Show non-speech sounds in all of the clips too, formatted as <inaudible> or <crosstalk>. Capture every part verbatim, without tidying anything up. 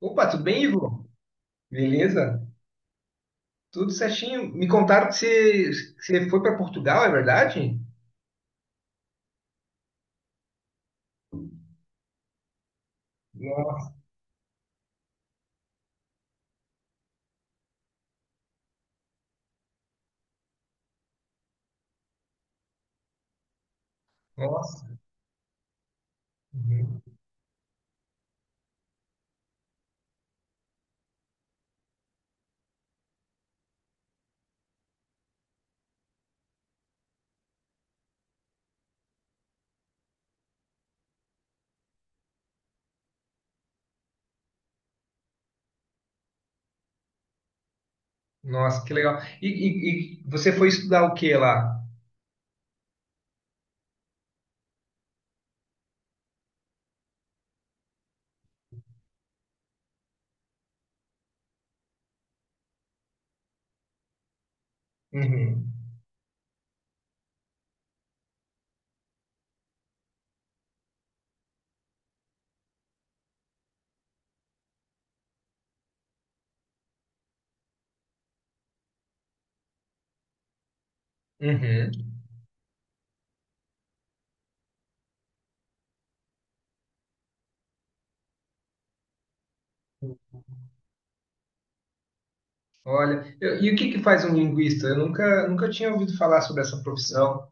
Opa, tudo bem, Ivo? Beleza? Tudo certinho. Me contaram que você, que você foi para Portugal, é verdade? No- Nossa. Uhum. Nossa, que legal. E, e- e você foi estudar o que lá? Uhum. Uhum. Olha, eu- e o que que faz um linguista? Eu nunca, nunca tinha ouvido falar sobre essa profissão.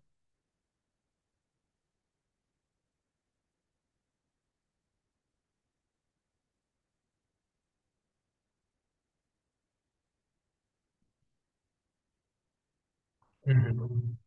Uhum.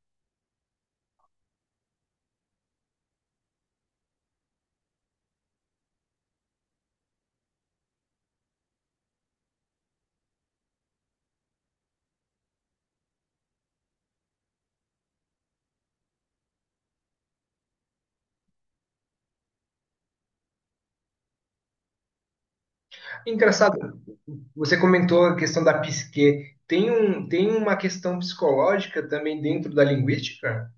Engraçado, você comentou a questão da psique. Tem um, tem uma questão psicológica também dentro da linguística?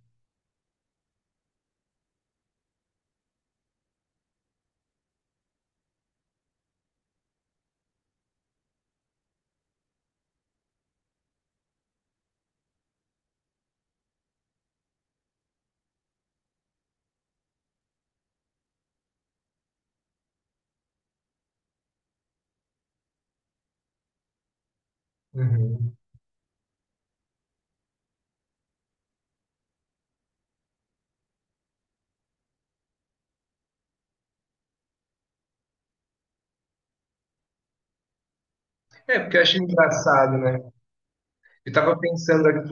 Uhum. É, porque eu acho engraçado, né? Eu tava pensando aqui.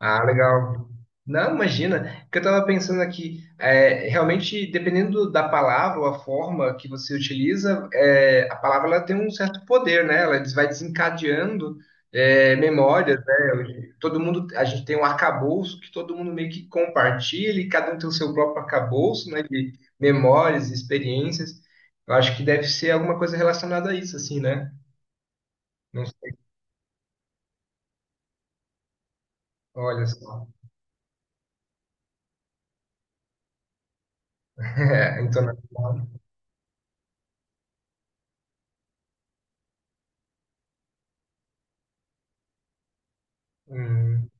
Ah, legal. Não, imagina, que eu tava pensando aqui, é, realmente, dependendo da palavra ou a forma que você utiliza, é, a palavra ela tem um certo poder, né? Ela des- vai desencadeando é, memórias, né? Hoje, todo mundo, a gente tem um arcabouço que todo mundo meio que compartilha e cada um tem o seu próprio arcabouço, né? De memórias, experiências. Eu acho que deve ser alguma coisa relacionada a isso, assim, né? Não sei. Olha só. <laughs> É, então, hum.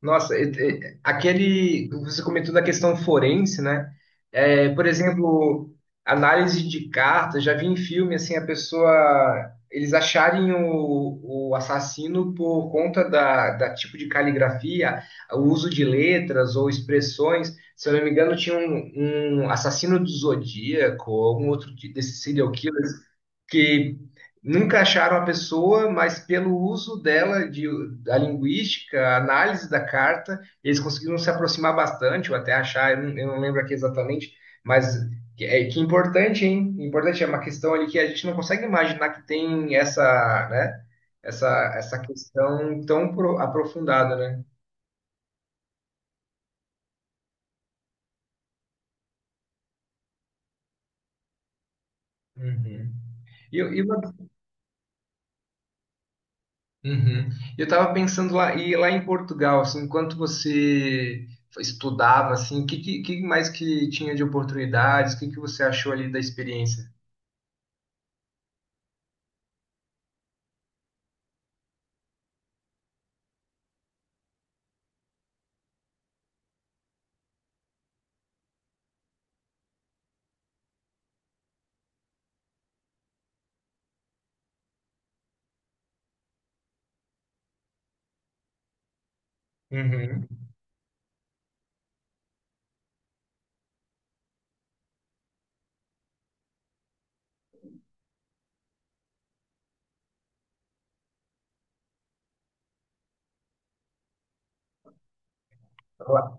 Nossa, e- e- aquele. Você comentou da questão forense, né? É, por exemplo, análise de cartas, já vi em filme assim, a pessoa. Eles acharem o, o assassino por conta da, da tipo de caligrafia, o uso de letras ou expressões. Se eu não me engano, tinha um, um assassino do Zodíaco, algum outro de- desses serial killers que nunca acharam a pessoa, mas pelo uso dela, de, da linguística, a análise da carta, eles conseguiram se aproximar bastante, ou até achar, eu não, eu não lembro aqui exatamente, mas que, é, que importante, hein? Importante, é uma questão ali que a gente não consegue imaginar que tem essa, né? Essa, essa questão tão pro- aprofundada, né? Uhum. E, e uma uhum. Eu estava pensando lá, e lá em Portugal, assim, enquanto você estudava, assim, o que, que, que mais que tinha de oportunidades? O que, que você achou ali da experiência? Uhum. Lá.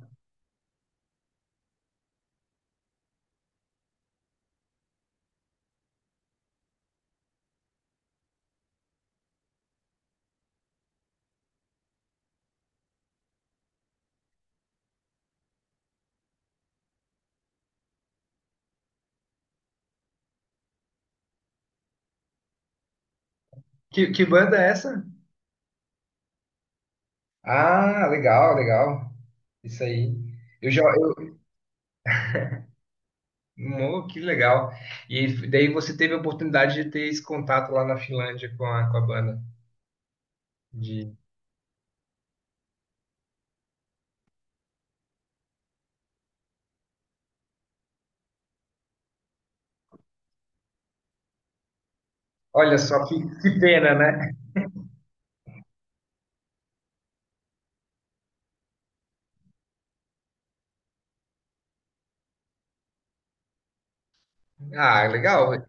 Que, que banda é essa? Ah, legal, legal. Isso aí. Eu já, eu- Mo, que legal. E daí você teve a oportunidade de ter esse contato lá na Finlândia com a, com a banda. De... Olha só que, que pena, né? Ah, legal.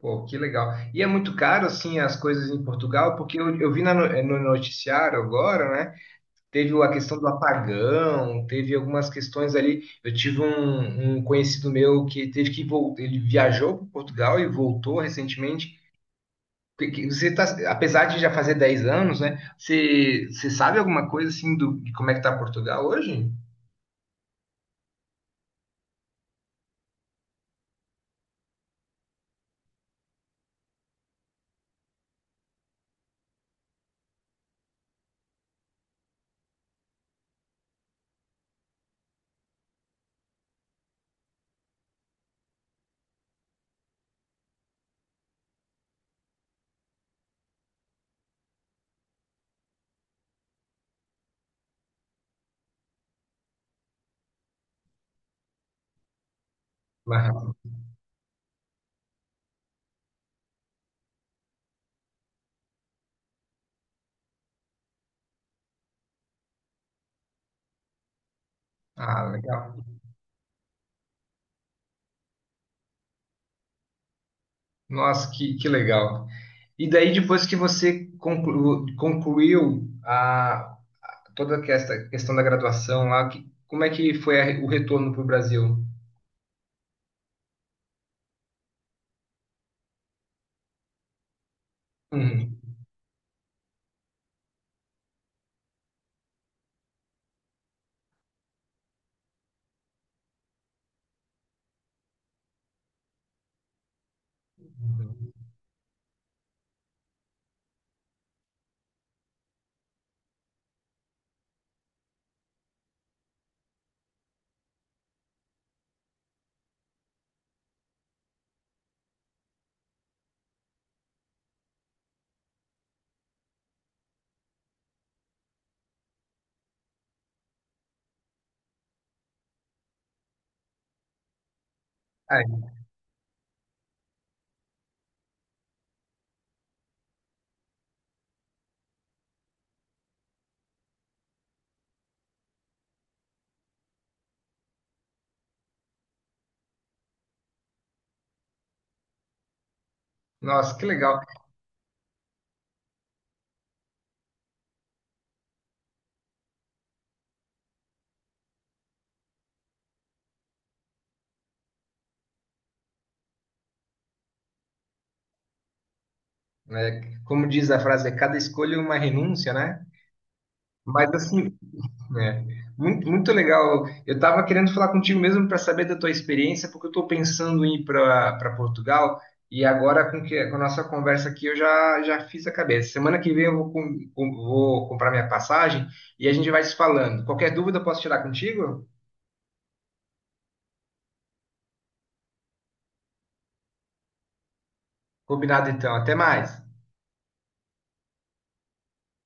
Pô, que legal. E é muito caro, assim, as coisas em Portugal, porque eu, eu vi na no, eh, no noticiário agora, né? Teve a questão do apagão, teve algumas questões ali. Eu tive um, um conhecido meu que teve que voltar, ele viajou para Portugal e voltou recentemente. Que- que Você tá, apesar de já fazer dez anos, né? Você, você sabe alguma coisa, assim, do, de como é que tá Portugal hoje? Marra? Ah, legal. Nossa, que, que legal. E daí, depois que você conclu- concluiu a, toda essa questão da graduação lá, que, como é que foi a- o retorno para o Brasil? Uhum. Ai, nossa, que legal. Né? Como diz a frase, é cada escolha é uma renúncia, né? Mas assim, né? Muito, muito legal. Eu estava querendo falar contigo mesmo para saber da tua experiência, porque eu estou pensando em ir para Portugal e agora com, que, com a nossa conversa aqui eu já, já fiz a cabeça. Semana que vem eu vou, com- com- vou comprar minha passagem e a gente vai se falando. Qualquer dúvida eu posso tirar contigo? Combinado então. Até mais.